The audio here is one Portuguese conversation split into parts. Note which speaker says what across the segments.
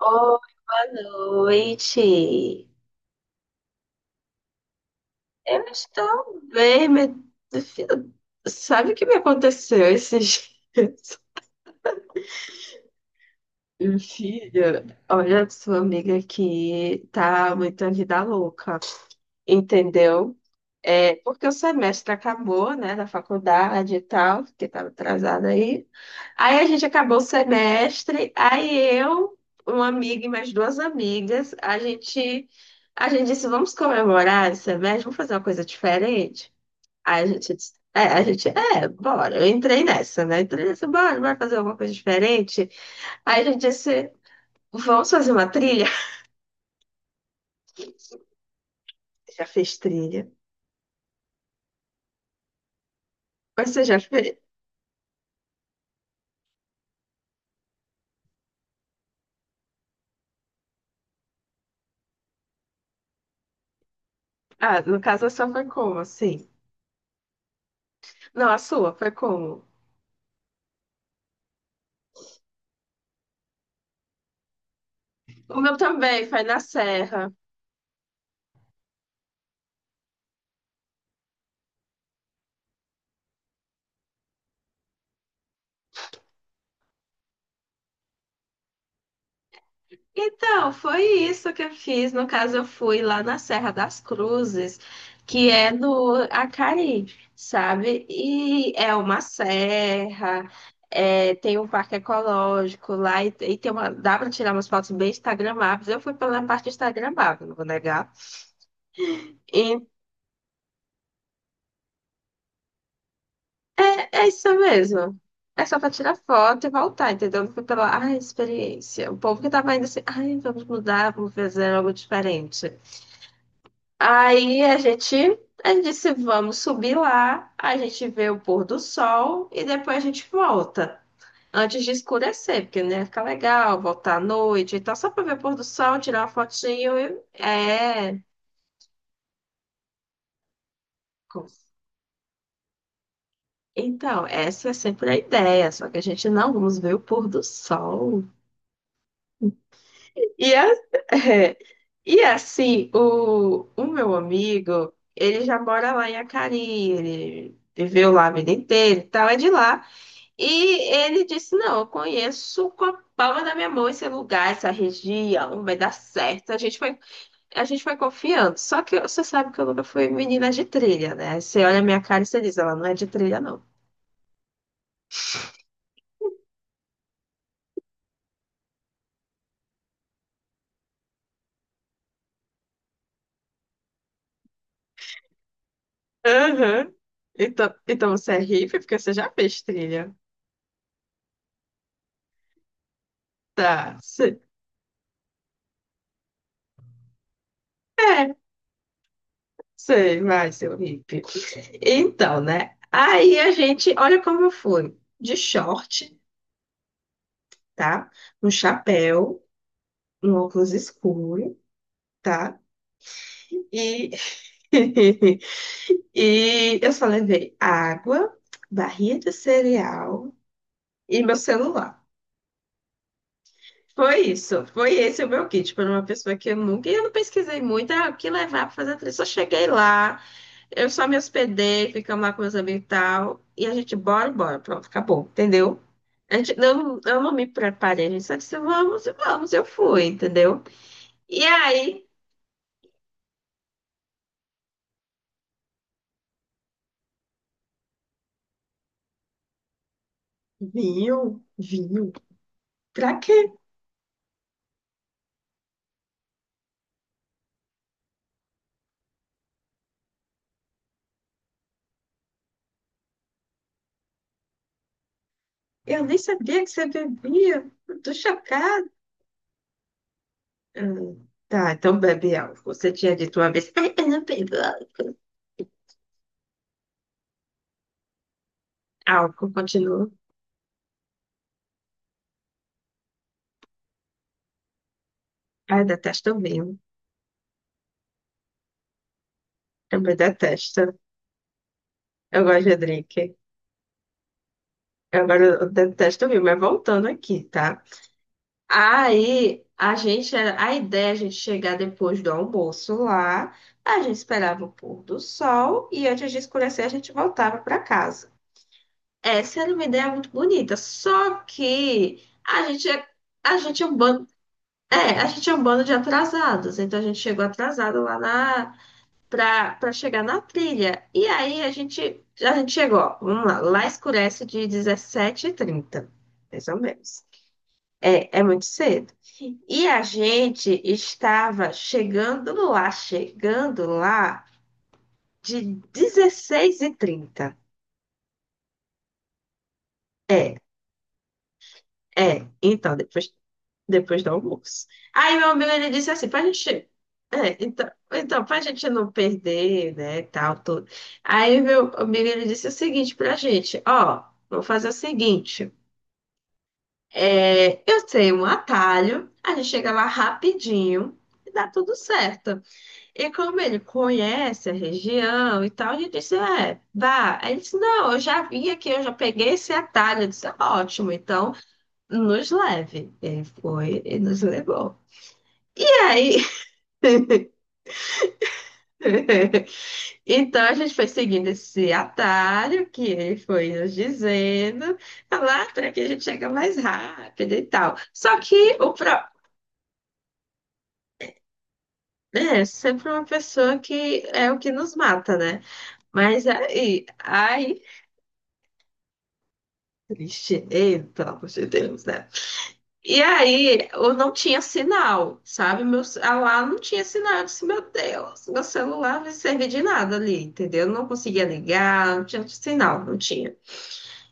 Speaker 1: Oi, boa noite. Eu estou bem, mas... Sabe o que me aconteceu esses dias? Filha, olha, sua amiga aqui tá muito vida louca, entendeu? É, porque o semestre acabou, né, da faculdade e tal, que estava atrasada aí. Aí a gente acabou o semestre, aí eu, uma amiga e mais duas amigas, a gente disse, vamos comemorar esse semestre, vamos fazer uma coisa diferente. Aí a gente disse, é, a gente, é, bora, eu entrei nessa, né, entrei nessa, bora fazer alguma coisa diferente. Aí a gente disse, vamos fazer uma trilha? Já fez trilha? Mas você já fez? Ah, no caso, só foi como, assim? Não, a sua foi como? O meu também foi na Serra. Então, foi isso que eu fiz. No caso, eu fui lá na Serra das Cruzes, que é no Acari, sabe? E é uma serra, é, tem um parque ecológico lá e tem uma, dá para tirar umas fotos bem instagramáveis. Eu fui pela parte instagramável, não vou negar. É isso mesmo. É só pra tirar foto e voltar, entendeu? Não foi pela, ai, experiência. O povo que tava indo assim, ai, vamos mudar, vamos fazer algo diferente. Aí a gente disse, vamos subir lá, a gente vê o pôr do sol e depois a gente volta. Antes de escurecer, porque não ia ficar legal, voltar à noite. Então, só pra ver o pôr do sol, tirar uma fotinho e... É... Então, essa é sempre a ideia, só que a gente não vamos ver o pôr do sol. E, e assim, o meu amigo, ele já mora lá em Acari, ele viveu lá a vida inteira e tal, é de lá. E ele disse: Não, eu conheço com a palma da minha mão esse lugar, essa região, vai dar certo. A gente foi confiando. Só que você sabe que eu nunca fui menina de trilha, né? Você olha a minha cara e você diz: Ela não é de trilha, não. Aham. Então, você é hippie porque você já fez trilha. Tá. É. Sei, vai, seu hippie. Então, né? Aí a gente, olha como eu fui. De short, tá? Um chapéu, um óculos escuro, tá? E, e eu só levei água, barrinha de cereal e meu celular. Foi isso, foi esse o meu kit para uma pessoa que eu nunca. E eu não pesquisei muito, ah, o que levar para fazer a trilha. Só cheguei lá. Eu só me hospedei, ficamos lá com meus amigos e tal. E a gente, bora, pronto, acabou, entendeu? A gente, eu, eu não me preparei, a gente só disse, vamos, e vamos, eu fui, entendeu? E aí, vinho, vinho, pra quê? Eu nem sabia que você bebia, eu tô chocada. Tá, então bebe álcool. Você tinha dito uma vez, ai, eu não bebo álcool. Álcool, continua. Ai, eu detesto vinho, também detesto. Eu gosto de drink. Agora eu detesto ouvir, mas voltando aqui, tá? Aí a gente, a ideia é a gente chegar depois do almoço lá, a gente esperava o pôr do sol e antes de escurecer a gente voltava para casa. Essa era uma ideia muito bonita, só que a gente é um bando, é, a gente é um bando de atrasados, então a gente chegou atrasado lá na para chegar na trilha. E aí a gente chegou, ó, vamos lá, lá escurece de 17h30 mais ou menos. É, muito cedo. E a gente estava chegando lá de 16h30 É, é. Então, depois do almoço. Aí meu amigo ele disse assim, pra gente. É, então, pra gente não perder, né, tal, tudo. Aí meu amigo ele disse o seguinte pra gente, ó, vamos fazer o seguinte. É, eu tenho um atalho, a gente chega lá rapidinho. E dá tudo certo. E como ele conhece a região e tal, ele disse: É, vá. Aí ele disse: Não, eu já vim aqui, eu já peguei esse atalho. Eu disse: "Tá ótimo, então nos leve. Ele foi e nos levou. E aí Então a gente foi seguindo esse atalho que ele foi nos dizendo, "Ah lá por aqui a gente chega mais rápido e tal. Só que é sempre uma pessoa que é o que nos mata, né? Mas aí, ai, triste, ei, pelo amor de Deus, né? E aí, eu não tinha sinal, sabe? Meu, lá não tinha sinal. Eu disse, meu Deus, meu celular não servia de nada ali, entendeu? Eu não conseguia ligar, não tinha sinal, não tinha.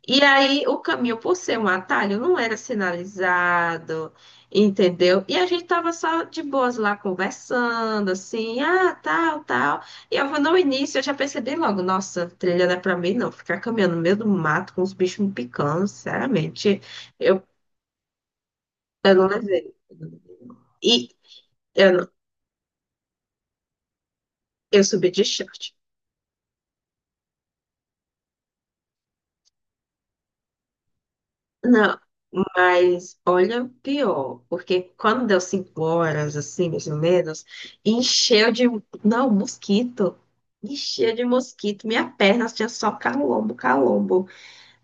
Speaker 1: E aí, o caminho, por ser um atalho, não era sinalizado, entendeu? E a gente tava só de boas lá conversando, assim, ah, tal, tal. E eu no início, eu já percebi logo, nossa, trilha não é pra mim, não. Ficar caminhando no meio do mato com os bichos me picando, sinceramente, eu, eu não levei. E eu, não- eu subi de short. Não, mas olha o pior, porque quando deu 5 horas, assim, mais ou menos, encheu de. Não, mosquito. Encheu de mosquito. Minha perna tinha só calombo, calombo.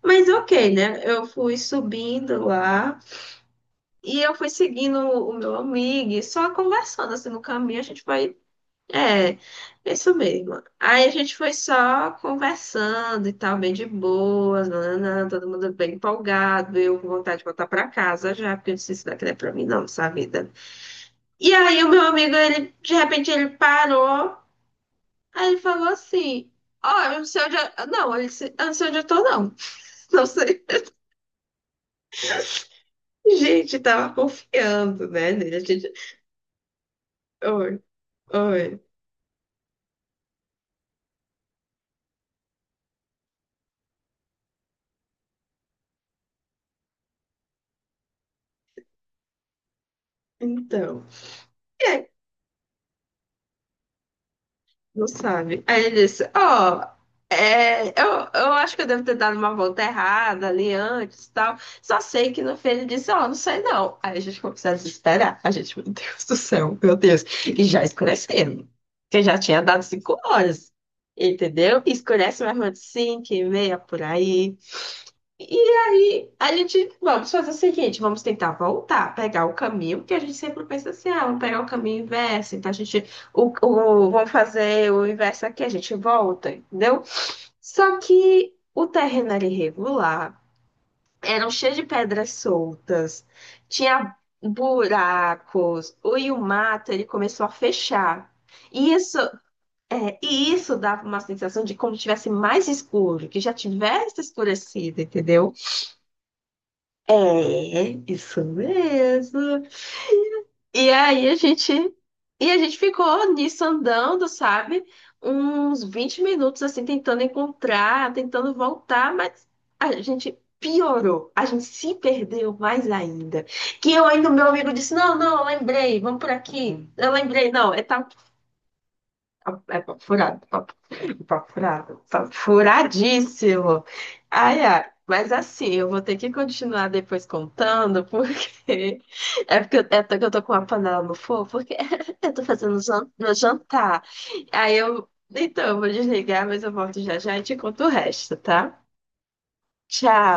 Speaker 1: Mas ok, né? Eu fui subindo lá e eu fui seguindo o meu amigo, e só conversando assim no caminho, a gente vai é, isso mesmo. Aí a gente foi só conversando e tal, bem de boas, nananã, todo mundo bem empolgado, eu com vontade de voltar pra casa já, porque eu disse, isso daqui não é pra mim não, essa vida. E aí o meu amigo, ele, de repente, ele parou, aí ele falou assim, ó, eu não sei onde eu... Não, ele disse, eu não sei onde eu tô, não. Não sei. Gente, tava confiando, né, nele. A gente... Oi, oi. Então... Não sabe. Aí ele disse, ó, é, eu acho que eu devo ter dado uma volta errada ali antes e tal. Só sei que no fim ele disse, ó, não sei não. Aí a gente começou a desesperar. A gente, meu Deus do céu, meu Deus. E já escurecendo. Porque já tinha dado 5 horas. Entendeu? E escurece mais ou menos 5h30 por aí. E aí, a gente, vamos fazer o seguinte, vamos tentar voltar, pegar o caminho, porque a gente sempre pensa assim, ah, vamos pegar o caminho inverso, então a gente, vamos fazer o inverso aqui, a gente volta, entendeu? Só que o terreno era irregular, eram cheios de pedras soltas, tinha buracos, e o mato, ele começou a fechar. E isso, e isso dava uma sensação de como tivesse mais escuro, que já tivesse escurecido, entendeu? É, isso mesmo. E aí a gente ficou nisso andando, sabe? Uns 20 minutos assim tentando encontrar, tentando voltar, mas a gente piorou. A gente se perdeu mais ainda. Que eu ainda meu amigo disse: "Não, não, eu lembrei, vamos por aqui". Eu lembrei, não, é tal é, é furado. Papo furado. Papo furadíssimo. Ai, ai. Mas assim, eu vou ter que continuar depois contando, porque é porque eu tô com a panela no fogo, porque eu tô fazendo meu jantar. Aí eu, então, eu vou desligar, mas eu volto já já e te conto o resto, tá? Tchau.